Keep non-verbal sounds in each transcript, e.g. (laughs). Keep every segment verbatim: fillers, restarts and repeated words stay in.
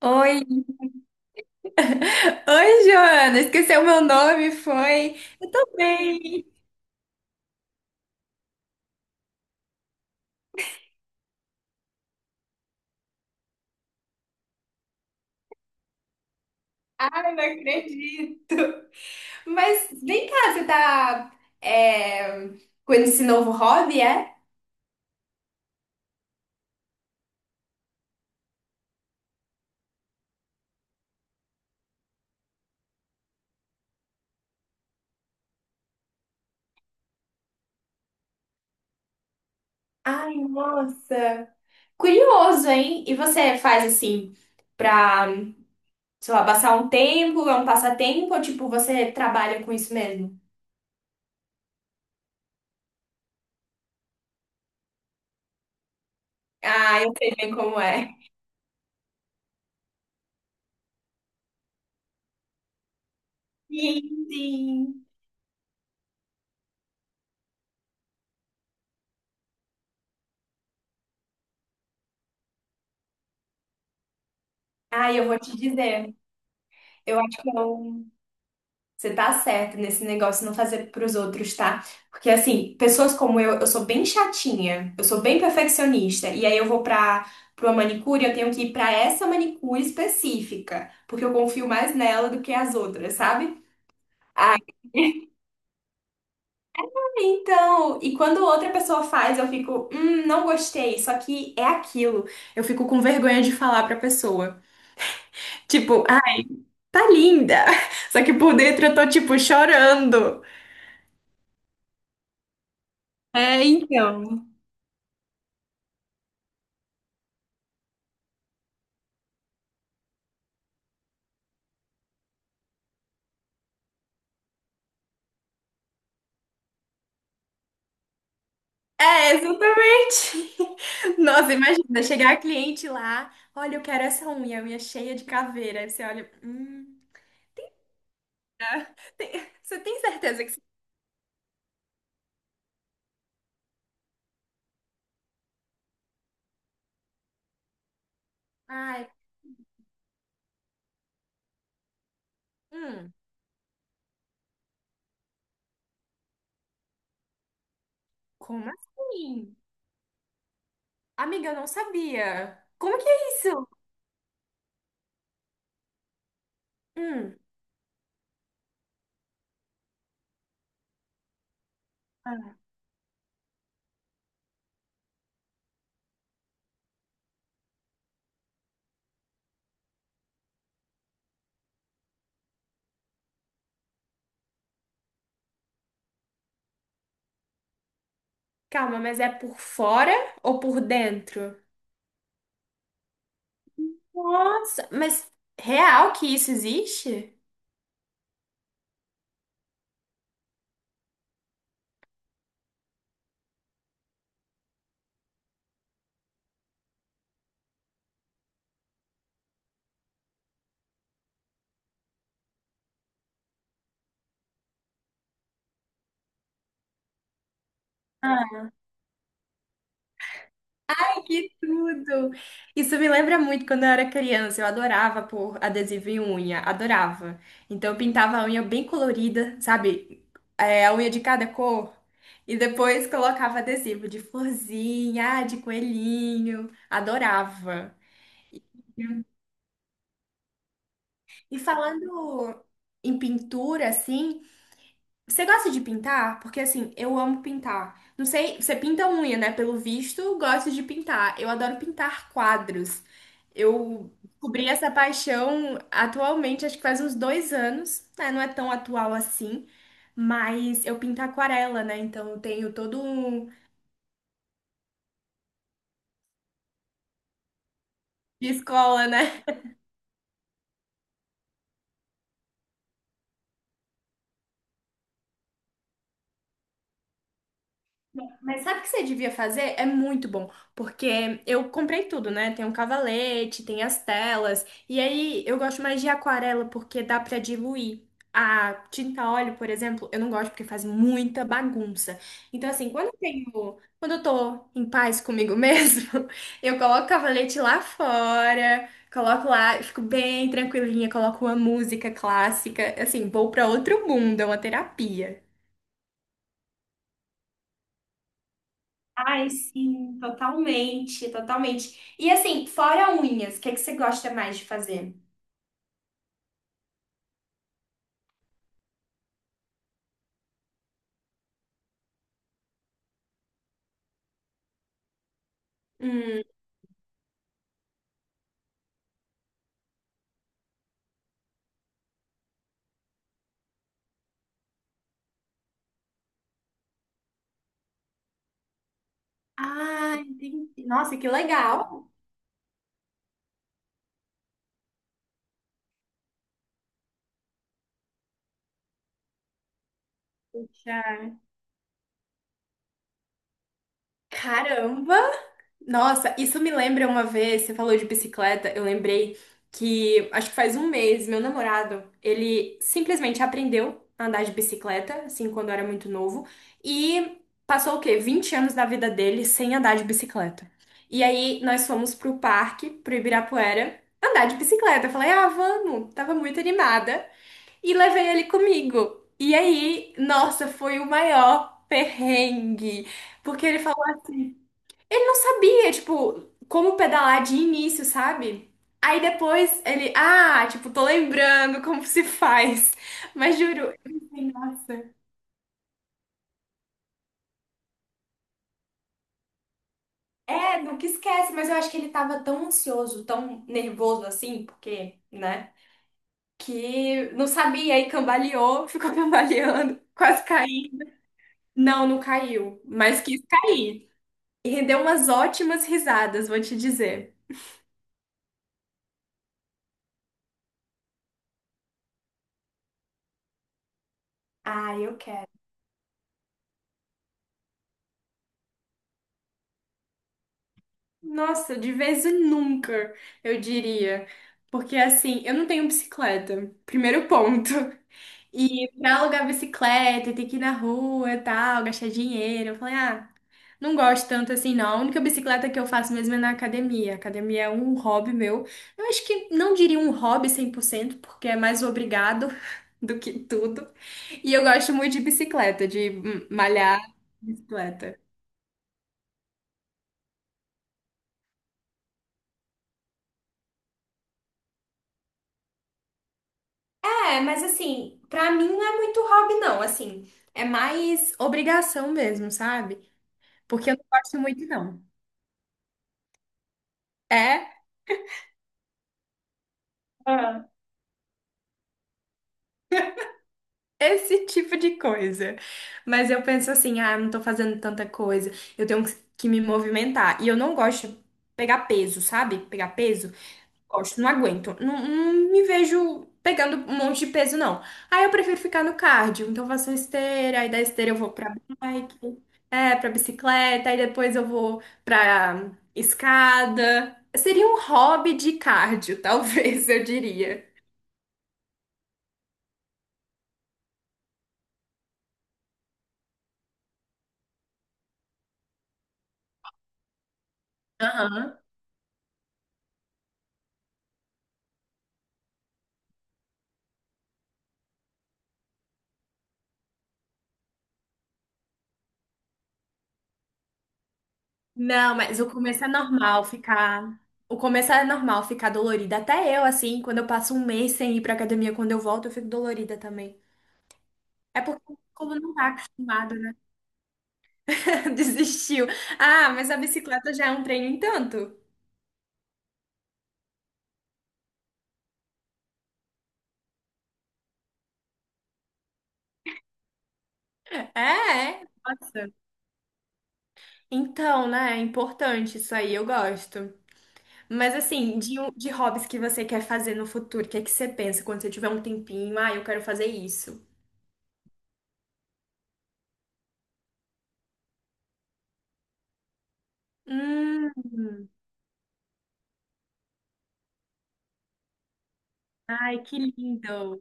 Oi, (laughs) oi, Joana, esqueceu meu nome, foi? Eu tô bem. Ai, não acredito. Mas vem cá, você tá é, com esse novo hobby, é? Ai, nossa. Curioso, hein? E você faz assim pra, sei lá, passar um tempo, é um passatempo, ou tipo, você trabalha com isso mesmo? Ah, eu sei bem como é. Sim, sim. Ai, eu vou te dizer. Eu acho que eu Você tá certa nesse negócio de não fazer pros outros, tá? Porque assim, pessoas como eu, eu sou bem chatinha, eu sou bem perfeccionista, e aí eu vou pra para uma manicure, eu tenho que ir pra essa manicure específica, porque eu confio mais nela do que as outras, sabe? Aí, (laughs) então, e quando outra pessoa faz, eu fico, hum, não gostei, só que é aquilo. Eu fico com vergonha de falar pra pessoa. Tipo, ah, tá linda. (laughs) Só que por dentro eu tô tipo chorando. É, então. É, exatamente. (laughs) Nossa, imagina chegar a cliente lá, olha, eu quero essa unha, unha cheia de caveira. Aí você olha, hum, ah, tem- você tem certeza que você... Ai, hum, como assim? Amiga, eu não sabia. Como que é isso? Hum, ah, calma, mas é por fora ou por dentro? Nossa, mas real que isso existe? Que tudo! Isso me lembra muito quando eu era criança. Eu adorava pôr adesivo em unha, adorava. Então eu pintava a unha bem colorida, sabe? É, a unha de cada cor. E depois colocava adesivo de florzinha, ah, de coelhinho. Adorava. E falando em pintura, assim. Você gosta de pintar? Porque assim, eu amo pintar. Não sei, você pinta unha, né? Pelo visto, gosto de pintar. Eu adoro pintar quadros. Eu descobri essa paixão atualmente, acho que faz uns dois anos, né? Não é tão atual assim, mas eu pinto aquarela, né? Então eu tenho todo um de escola, né? Mas sabe o que você devia fazer? É muito bom, porque eu comprei tudo, né? Tem um cavalete, tem as telas, e aí eu gosto mais de aquarela porque dá pra diluir. A tinta óleo, por exemplo, eu não gosto porque faz muita bagunça. Então, assim, quando eu tenho, quando eu tô em paz comigo mesmo, (laughs) eu coloco o cavalete lá fora, coloco lá, eu fico bem tranquilinha, coloco uma música clássica, assim, vou pra outro mundo, é uma terapia. Ai, sim, totalmente, totalmente. E assim, fora unhas, o que é que você gosta mais de fazer? Hum. Ah, entendi. Nossa, que legal. Já. Caramba! Nossa, isso me lembra uma vez, você falou de bicicleta, eu lembrei que acho que faz um mês, meu namorado, ele simplesmente aprendeu a andar de bicicleta, assim, quando era muito novo, e passou o quê? Vinte anos da vida dele sem andar de bicicleta. E aí nós fomos pro parque, pro Ibirapuera, andar de bicicleta. Eu falei, ah, vamos, tava muito animada, e levei ele comigo. E aí, nossa, foi o maior perrengue, porque ele falou assim, ele não sabia, tipo, como pedalar de início, sabe? Aí depois ele, ah, tipo, tô lembrando como se faz. Mas juro, eu pensei, nossa. É, nunca esquece, mas eu acho que ele tava tão ansioso, tão nervoso assim, porque, né? Que não sabia e cambaleou, ficou (laughs) cambaleando, quase caiu. Não, não caiu, mas quis cair. E rendeu umas ótimas risadas, vou te dizer. Ah, eu quero. Nossa, de vez em nunca, eu diria. Porque assim, eu não tenho bicicleta, primeiro ponto. E pra alugar bicicleta, ter que ir na rua e tal, gastar dinheiro. Eu falei, ah, não gosto tanto assim, não. A única bicicleta que eu faço mesmo é na academia. Academia é um hobby meu. Eu acho que não diria um hobby cem por cento, porque é mais obrigado (laughs) do que tudo. E eu gosto muito de bicicleta, de hum, malhar bicicleta. É, mas assim, pra mim não é muito hobby, não. Assim, é mais obrigação mesmo, sabe? Porque eu não gosto muito, não. É. Ah. Esse (laughs) tipo de coisa. Mas eu penso assim, ah, não tô fazendo tanta coisa. Eu tenho que me movimentar. E eu não gosto de pegar peso, sabe? Pegar peso. Gosto, não aguento. Não, não me vejo pegando um monte de peso, não. Aí eu prefiro ficar no cardio. Então eu faço esteira, aí da esteira eu vou pra bike, é, pra bicicleta, aí depois eu vou pra escada. Seria um hobby de cardio, (laughs) talvez, eu diria. Aham. Não, mas o começo é normal ficar. O começo é normal ficar dolorida. Até eu, assim, quando eu passo um mês sem ir pra academia, quando eu volto, eu fico dolorida também. É porque o corpo não tá acostumado. (laughs) Desistiu. Ah, mas a bicicleta já é um treino em tanto. É, é. Nossa. Então, né? É importante isso aí, eu gosto. Mas assim, de, um- de hobbies que você quer fazer no futuro, o que é que você pensa quando você tiver um tempinho? Ah, eu quero fazer isso. Hum, ai, que lindo.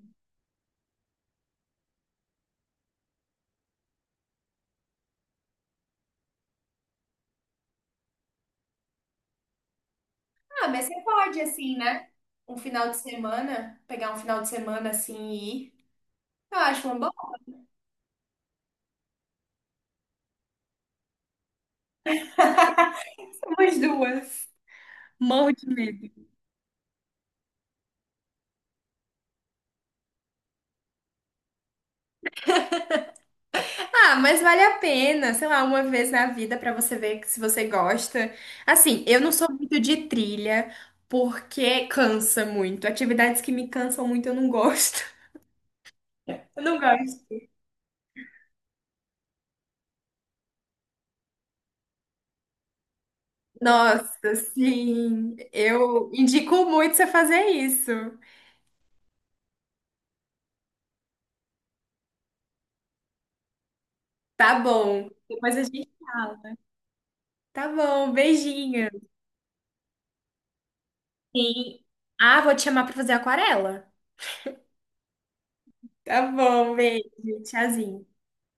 Ah, mas você pode, assim, né? Um final de semana, pegar um final de semana assim e ir. Eu acho uma boa. (laughs) Somos duas. Morro de medo. Ah, mas vale a pena, sei lá, uma vez na vida pra você ver se você gosta. Assim, eu não sou muito de trilha porque cansa muito. Atividades que me cansam muito eu não gosto. (laughs) Eu não gosto. Nossa, sim, eu indico muito você fazer isso. Tá bom. Depois a gente fala. Tá bom, beijinho. Sim. Ah, vou te chamar pra fazer aquarela. Tá bom, beijo. Tchauzinho.